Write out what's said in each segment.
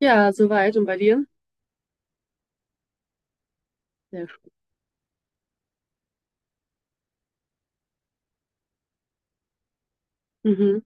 Ja, soweit. Und bei dir? Ja. Mhm.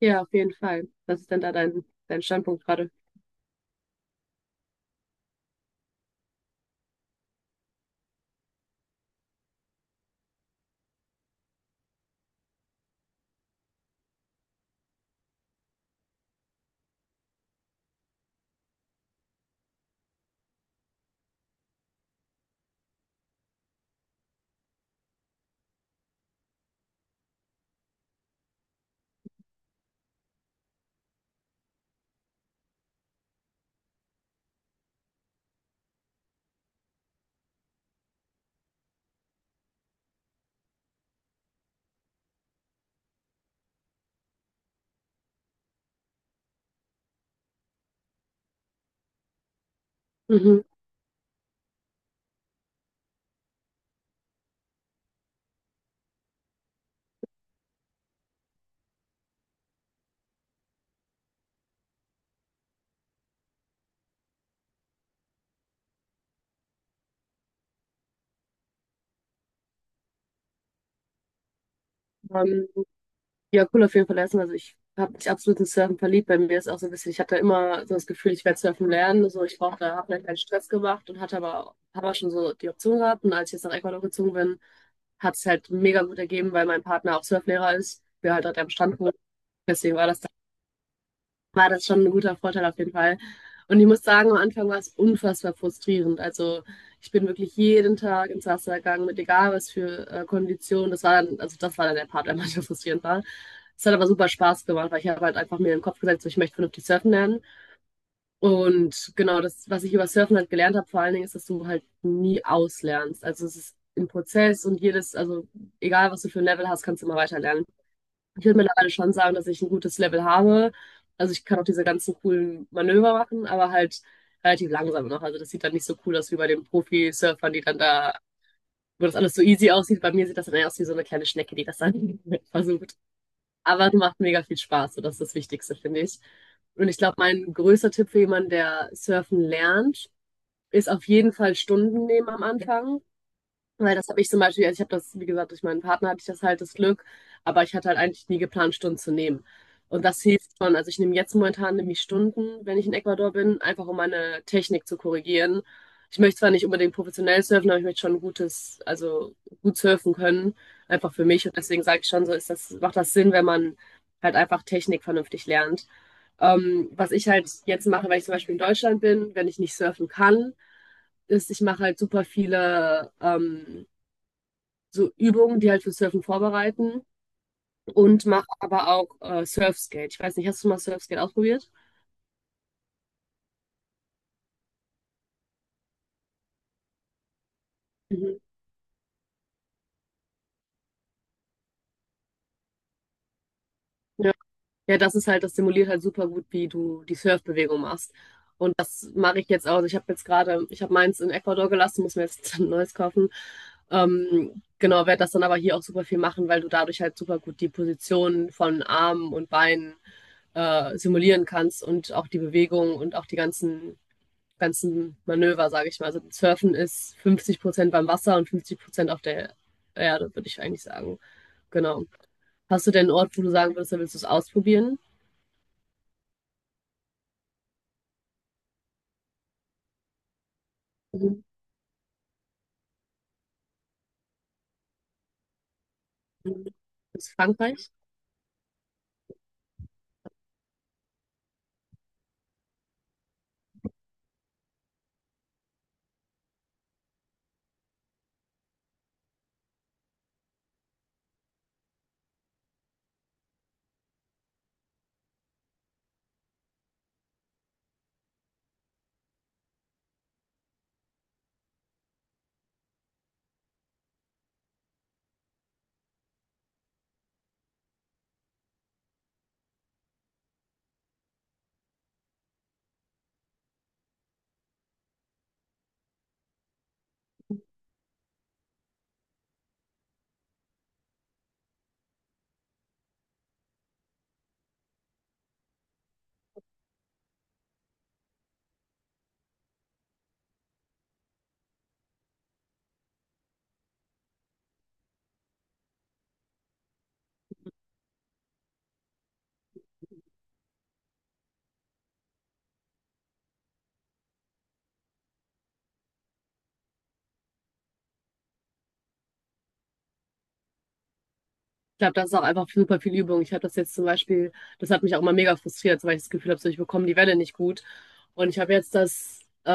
Ja, auf jeden Fall. Was ist denn da dein Standpunkt gerade? Mhm. Ähm, ja, cool auf jeden Fall lassen. Also ich habe mich absolut ins Surfen verliebt. Bei mir ist auch so ein bisschen, ich hatte immer so das Gefühl, ich werde surfen lernen. So, ich brauchte, habe vielleicht keinen Stress gemacht und hatte aber, habe auch schon so die Option gehabt. Und als ich jetzt nach Ecuador gezogen bin, hat es halt mega gut ergeben, weil mein Partner auch Surflehrer ist. Wir halt dort am Stand wohnen. Deswegen war das schon ein guter Vorteil auf jeden Fall. Und ich muss sagen, am Anfang war es unfassbar frustrierend. Also ich bin wirklich jeden Tag ins Wasser gegangen, mit egal was für Konditionen. Das war dann, also das war dann der Part, der manchmal frustrierend war. Es hat aber super Spaß gemacht, weil ich habe halt einfach mir in den Kopf gesetzt, so, ich möchte vernünftig surfen lernen. Und genau das, was ich über Surfen halt gelernt habe, vor allen Dingen ist, dass du halt nie auslernst. Also es ist ein Prozess und jedes, also egal was du für ein Level hast, kannst du immer weiter lernen. Ich würde mittlerweile schon sagen, dass ich ein gutes Level habe. Also ich kann auch diese ganzen coolen Manöver machen, aber halt relativ langsam noch. Also das sieht dann nicht so cool aus wie bei den Profi-Surfern, die dann da, wo das alles so easy aussieht. Bei mir sieht das dann eher aus wie so eine kleine Schnecke, die das dann versucht. Aber es macht mega viel Spaß, so das ist das Wichtigste, finde ich. Und ich glaube, mein größter Tipp für jemanden, der surfen lernt, ist auf jeden Fall Stunden nehmen am Anfang. Weil das habe ich zum Beispiel, also ich habe das, wie gesagt, durch meinen Partner hatte ich das halt das Glück, aber ich hatte halt eigentlich nie geplant, Stunden zu nehmen. Und das hilft schon. Also ich nehme jetzt momentan nämlich Stunden, wenn ich in Ecuador bin, einfach um meine Technik zu korrigieren. Ich möchte zwar nicht unbedingt professionell surfen, aber ich möchte schon ein gutes, also gut surfen können, einfach für mich. Und deswegen sage ich schon, so ist das, macht das Sinn, wenn man halt einfach Technik vernünftig lernt. Was ich halt jetzt mache, wenn ich zum Beispiel in Deutschland bin, wenn ich nicht surfen kann, ist, ich mache halt super viele so Übungen, die halt für Surfen vorbereiten und mache aber auch Surfskate. Ich weiß nicht, hast du mal Surfskate ausprobiert? Mhm. Ja. Ja, das ist halt, das simuliert halt super gut, wie du die Surfbewegung machst. Und das mache ich jetzt auch. Ich habe jetzt gerade, ich habe meins in Ecuador gelassen, muss mir jetzt ein neues kaufen. Genau, werde das dann aber hier auch super viel machen, weil du dadurch halt super gut die Position von Armen und Beinen simulieren kannst und auch die Bewegung und auch die ganzen ganzen Manöver, sage ich mal. Also Surfen ist 50% beim Wasser und 50% auf der Erde, würde ich eigentlich sagen. Genau. Hast du denn einen Ort, wo du sagen würdest, da willst du es ausprobieren? Mhm. Das ist Frankreich? Ich glaube, das ist auch einfach super viel Übung. Ich habe das jetzt zum Beispiel, das hat mich auch mal mega frustriert, weil ich das Gefühl habe, so, ich bekomme die Welle nicht gut. Und ich habe jetzt das,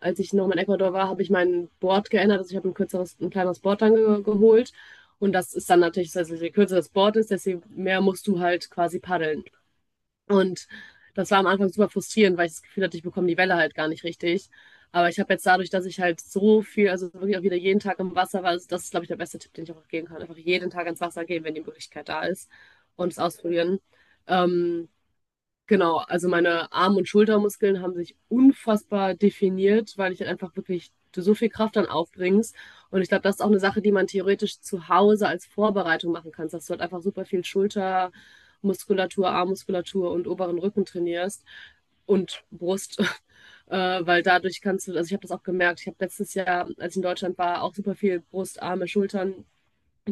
als ich noch in Ecuador war, habe ich mein Board geändert. Also ich habe ein kürzeres, ein kleineres Board dann ge geholt. Und das ist dann natürlich, also je kürzer das Board ist, desto mehr musst du halt quasi paddeln. Und das war am Anfang super frustrierend, weil ich das Gefühl hatte, ich bekomme die Welle halt gar nicht richtig. Aber ich habe jetzt dadurch, dass ich halt so viel, also wirklich auch wieder jeden Tag im Wasser war, also das ist, glaube ich, der beste Tipp, den ich auch geben kann. Einfach jeden Tag ins Wasser gehen, wenn die Möglichkeit da ist und es ausprobieren. Ähm, Genau, also meine Arm- und Schultermuskeln haben sich unfassbar definiert, weil ich dann einfach wirklich du so viel Kraft dann aufbringst. Und ich glaube, das ist auch eine Sache, die man theoretisch zu Hause als Vorbereitung machen kannst, dass du halt einfach super viel Schultermuskulatur, Armmuskulatur und oberen Rücken trainierst und Brust, weil dadurch kannst du, also ich habe das auch gemerkt, ich habe letztes Jahr, als ich in Deutschland war, auch super viel Brust, Arme, Schultern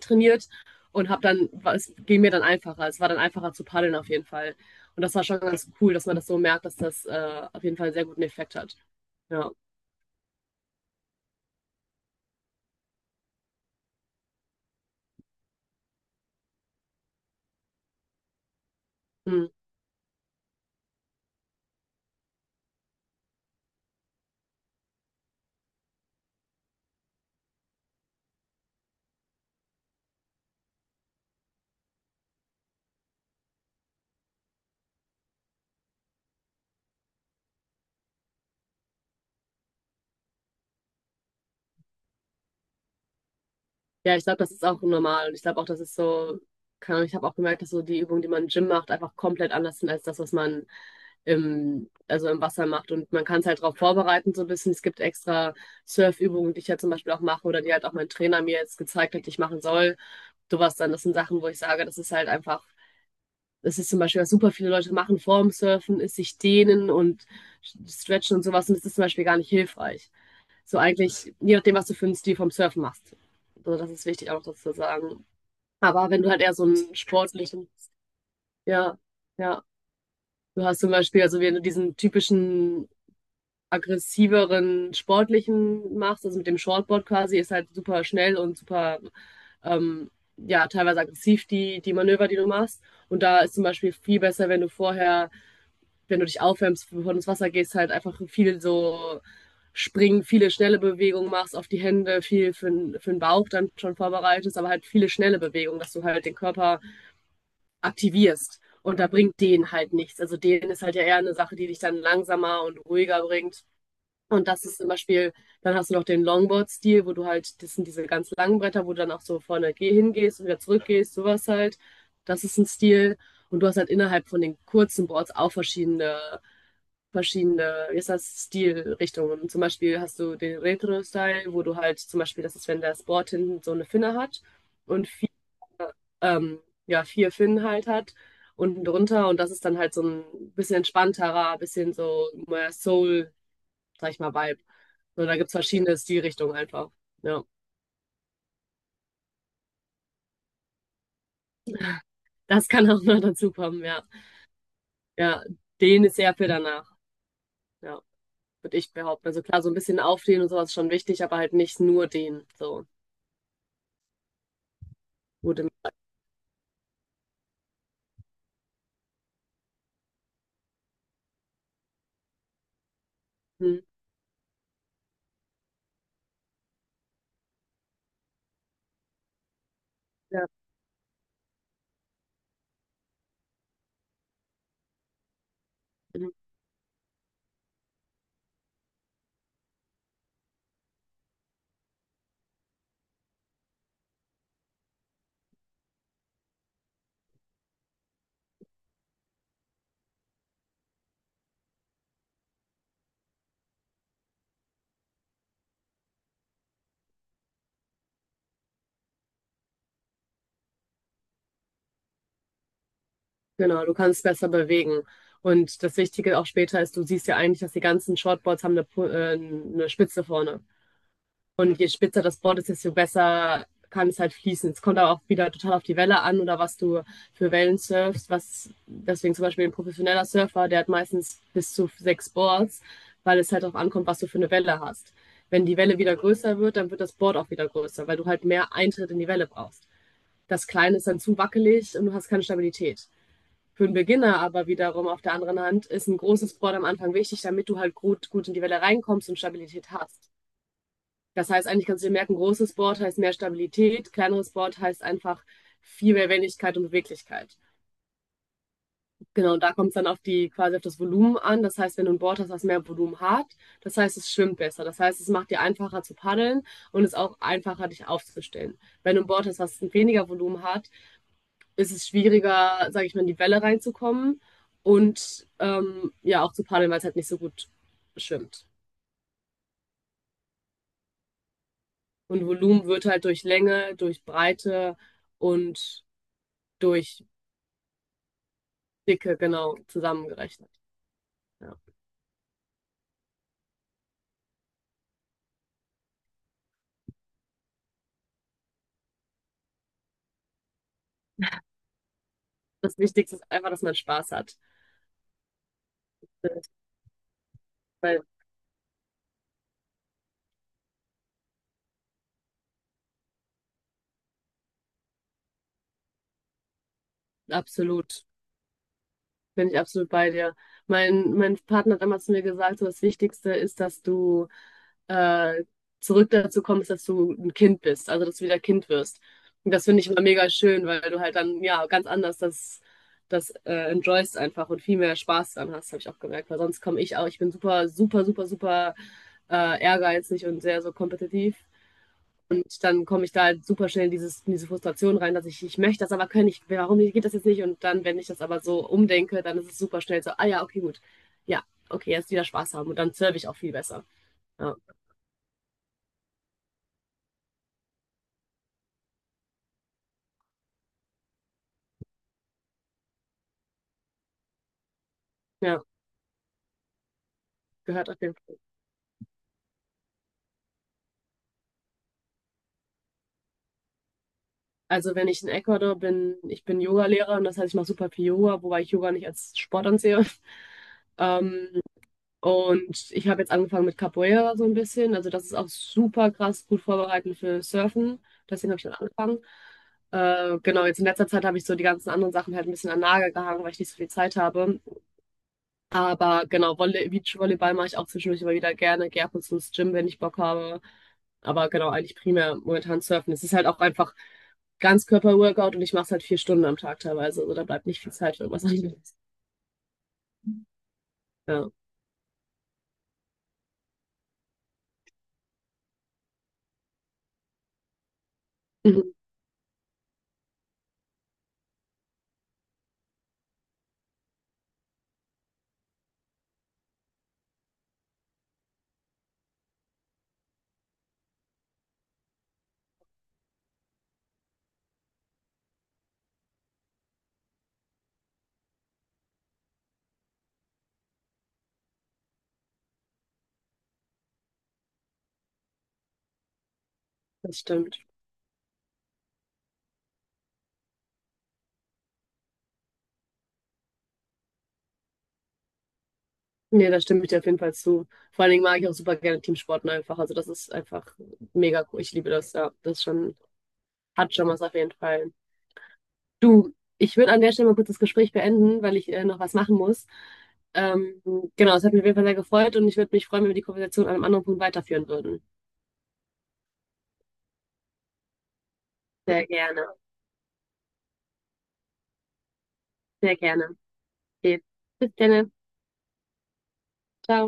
trainiert und habe dann, es ging mir dann einfacher. Es war dann einfacher zu paddeln auf jeden Fall. Und das war schon ganz cool, dass man das so merkt, dass das auf jeden Fall einen sehr guten Effekt hat. Ja, hm. Ja, ich glaube, das ist auch normal. Und ich glaube auch, das ist so, keine Ahnung, ich habe auch gemerkt, dass so die Übungen, die man im Gym macht, einfach komplett anders sind als das, was man im, also im Wasser macht. Und man kann es halt darauf vorbereiten, so ein bisschen. Es gibt extra Surfübungen, die ich ja zum Beispiel auch mache oder die halt auch mein Trainer mir jetzt gezeigt hat, die ich machen soll. Sowas dann, das sind Sachen, wo ich sage, das ist halt einfach. Das ist zum Beispiel, was super viele Leute machen vorm Surfen, ist sich dehnen und stretchen und sowas. Und das ist zum Beispiel gar nicht hilfreich. So eigentlich, je nachdem, was du für einen Stil vom Surfen machst. Also das ist wichtig auch dazu zu sagen. Aber wenn du halt eher so einen sportlichen, ja, ja. Du hast zum Beispiel, also wenn du diesen typischen aggressiveren sportlichen machst, also mit dem Shortboard quasi, ist halt super schnell und super, ähm, ja, teilweise aggressiv die Manöver, die du machst. Und da ist zum Beispiel viel besser, wenn du vorher wenn du dich aufwärmst, bevor du ins Wasser gehst, halt einfach viel so springen, viele schnelle Bewegungen machst, auf die Hände, viel für, für den Bauch dann schon vorbereitest, aber halt viele schnelle Bewegungen, dass du halt den Körper aktivierst. Und da bringt denen halt nichts. Also denen ist halt ja eher eine Sache, die dich dann langsamer und ruhiger bringt. Und das ist zum Beispiel, dann hast du noch den Longboard-Stil, wo du halt, das sind diese ganz langen Bretter, wo du dann auch so vorne hingehst und wieder zurückgehst, sowas halt. Das ist ein Stil. Und du hast halt innerhalb von den kurzen Boards auch verschiedene, wie ist das, Stilrichtungen. Zum Beispiel hast du den Retro-Style, wo du halt zum Beispiel, das ist, wenn das Board hinten so eine Finne hat und vier, ähm, ja, vier Finnen halt hat, unten drunter und das ist dann halt so ein bisschen entspannterer, bisschen so mehr Soul, sag ich mal, Vibe. So, da gibt's verschiedene Stilrichtungen einfach. Ja, das kann auch noch dazu kommen, ja. Ja, den ist sehr viel danach, ja, würde ich behaupten. Also klar, so ein bisschen aufdehnen und sowas ist schon wichtig, aber halt nicht nur den, so. Gute. Mhm. Mhm. Genau, du kannst besser bewegen. Und das Wichtige auch später ist, du siehst ja eigentlich, dass die ganzen Shortboards haben eine, eine Spitze vorne. Und je spitzer das Board ist, desto besser kann es halt fließen. Es kommt aber auch wieder total auf die Welle an oder was du für Wellen surfst. Was, deswegen zum Beispiel ein professioneller Surfer, der hat meistens bis zu 6 Boards, weil es halt darauf ankommt, was du für eine Welle hast. Wenn die Welle wieder größer wird, dann wird das Board auch wieder größer, weil du halt mehr Eintritt in die Welle brauchst. Das Kleine ist dann zu wackelig und du hast keine Stabilität. Für einen Beginner aber wiederum auf der anderen Hand ist ein großes Board am Anfang wichtig, damit du halt gut in die Welle reinkommst und Stabilität hast. Das heißt, eigentlich kannst du dir merken, großes Board heißt mehr Stabilität, kleineres Board heißt einfach viel mehr Wendigkeit und Beweglichkeit. Genau, und da kommt es dann auf die, quasi auf das Volumen an. Das heißt, wenn du ein Board hast, was mehr Volumen hat, das heißt, es schwimmt besser. Das heißt, es macht dir einfacher zu paddeln und es ist auch einfacher, dich aufzustellen. Wenn du ein Board hast, was weniger Volumen hat, ist es schwieriger, sage ich mal, in die Welle reinzukommen und ja auch zu paddeln, weil es halt nicht so gut schwimmt. Und Volumen wird halt durch Länge, durch Breite und durch Dicke genau zusammengerechnet. Ja. Das Wichtigste ist einfach, dass man Spaß hat. Weil absolut. Bin ich absolut bei dir. Mein Partner hat immer zu mir gesagt, so das Wichtigste ist, dass du äh, zurück dazu kommst, dass du ein Kind bist, also dass du wieder Kind wirst. Und das finde ich immer mega schön, weil du halt dann ja ganz anders das, das enjoyst einfach und viel mehr Spaß dran hast, habe ich auch gemerkt. Weil sonst komme ich auch, ich bin super ehrgeizig und sehr so kompetitiv. Und dann komme ich da halt super schnell in, in diese Frustration rein, dass ich möchte das aber kann ich, warum geht das jetzt nicht? Und dann, wenn ich das aber so umdenke, dann ist es super schnell so, ah ja, okay, gut. Ja, okay, jetzt wieder Spaß haben und dann serve ich auch viel besser. Ja, ja gehört auf jeden Fall. Also wenn ich in Ecuador bin, ich bin Yogalehrer und das heißt, ich mache super viel Yoga, wobei ich Yoga nicht als Sport ansehe. Ähm, Und ich habe jetzt angefangen mit Capoeira so ein bisschen. Also das ist auch super krass gut vorbereitend für Surfen. Deswegen habe ich dann angefangen. Genau, jetzt in letzter Zeit habe ich so die ganzen anderen Sachen halt ein bisschen an den Nagel gehangen, weil ich nicht so viel Zeit habe. Aber genau, Volley Beachvolleyball mache ich auch zwischendurch immer wieder gerne. Gehe ab und zu ins Gym, wenn ich Bock habe. Aber genau, eigentlich primär momentan Surfen. Es ist halt auch einfach Ganzkörper-Workout und ich mache es halt 4 Stunden am Tag teilweise. Also da bleibt nicht viel Zeit für irgendwas anderes. Ja, Mhm, das stimmt. Nee, da stimme ich dir auf jeden Fall zu. Vor allen Dingen mag ich auch super gerne Teamsporten einfach. Also das ist einfach mega cool. Ich liebe das, ja. Das ist schon, hat schon was auf jeden Fall. Du, ich würde an der Stelle mal kurz das Gespräch beenden, weil ich noch was machen muss. Ähm, genau, es hat mich auf jeden Fall sehr gefreut und ich würde mich freuen, wenn wir die Konversation an einem anderen Punkt weiterführen würden. Sehr gerne, sehr gerne. Okay. Bis dann, ciao.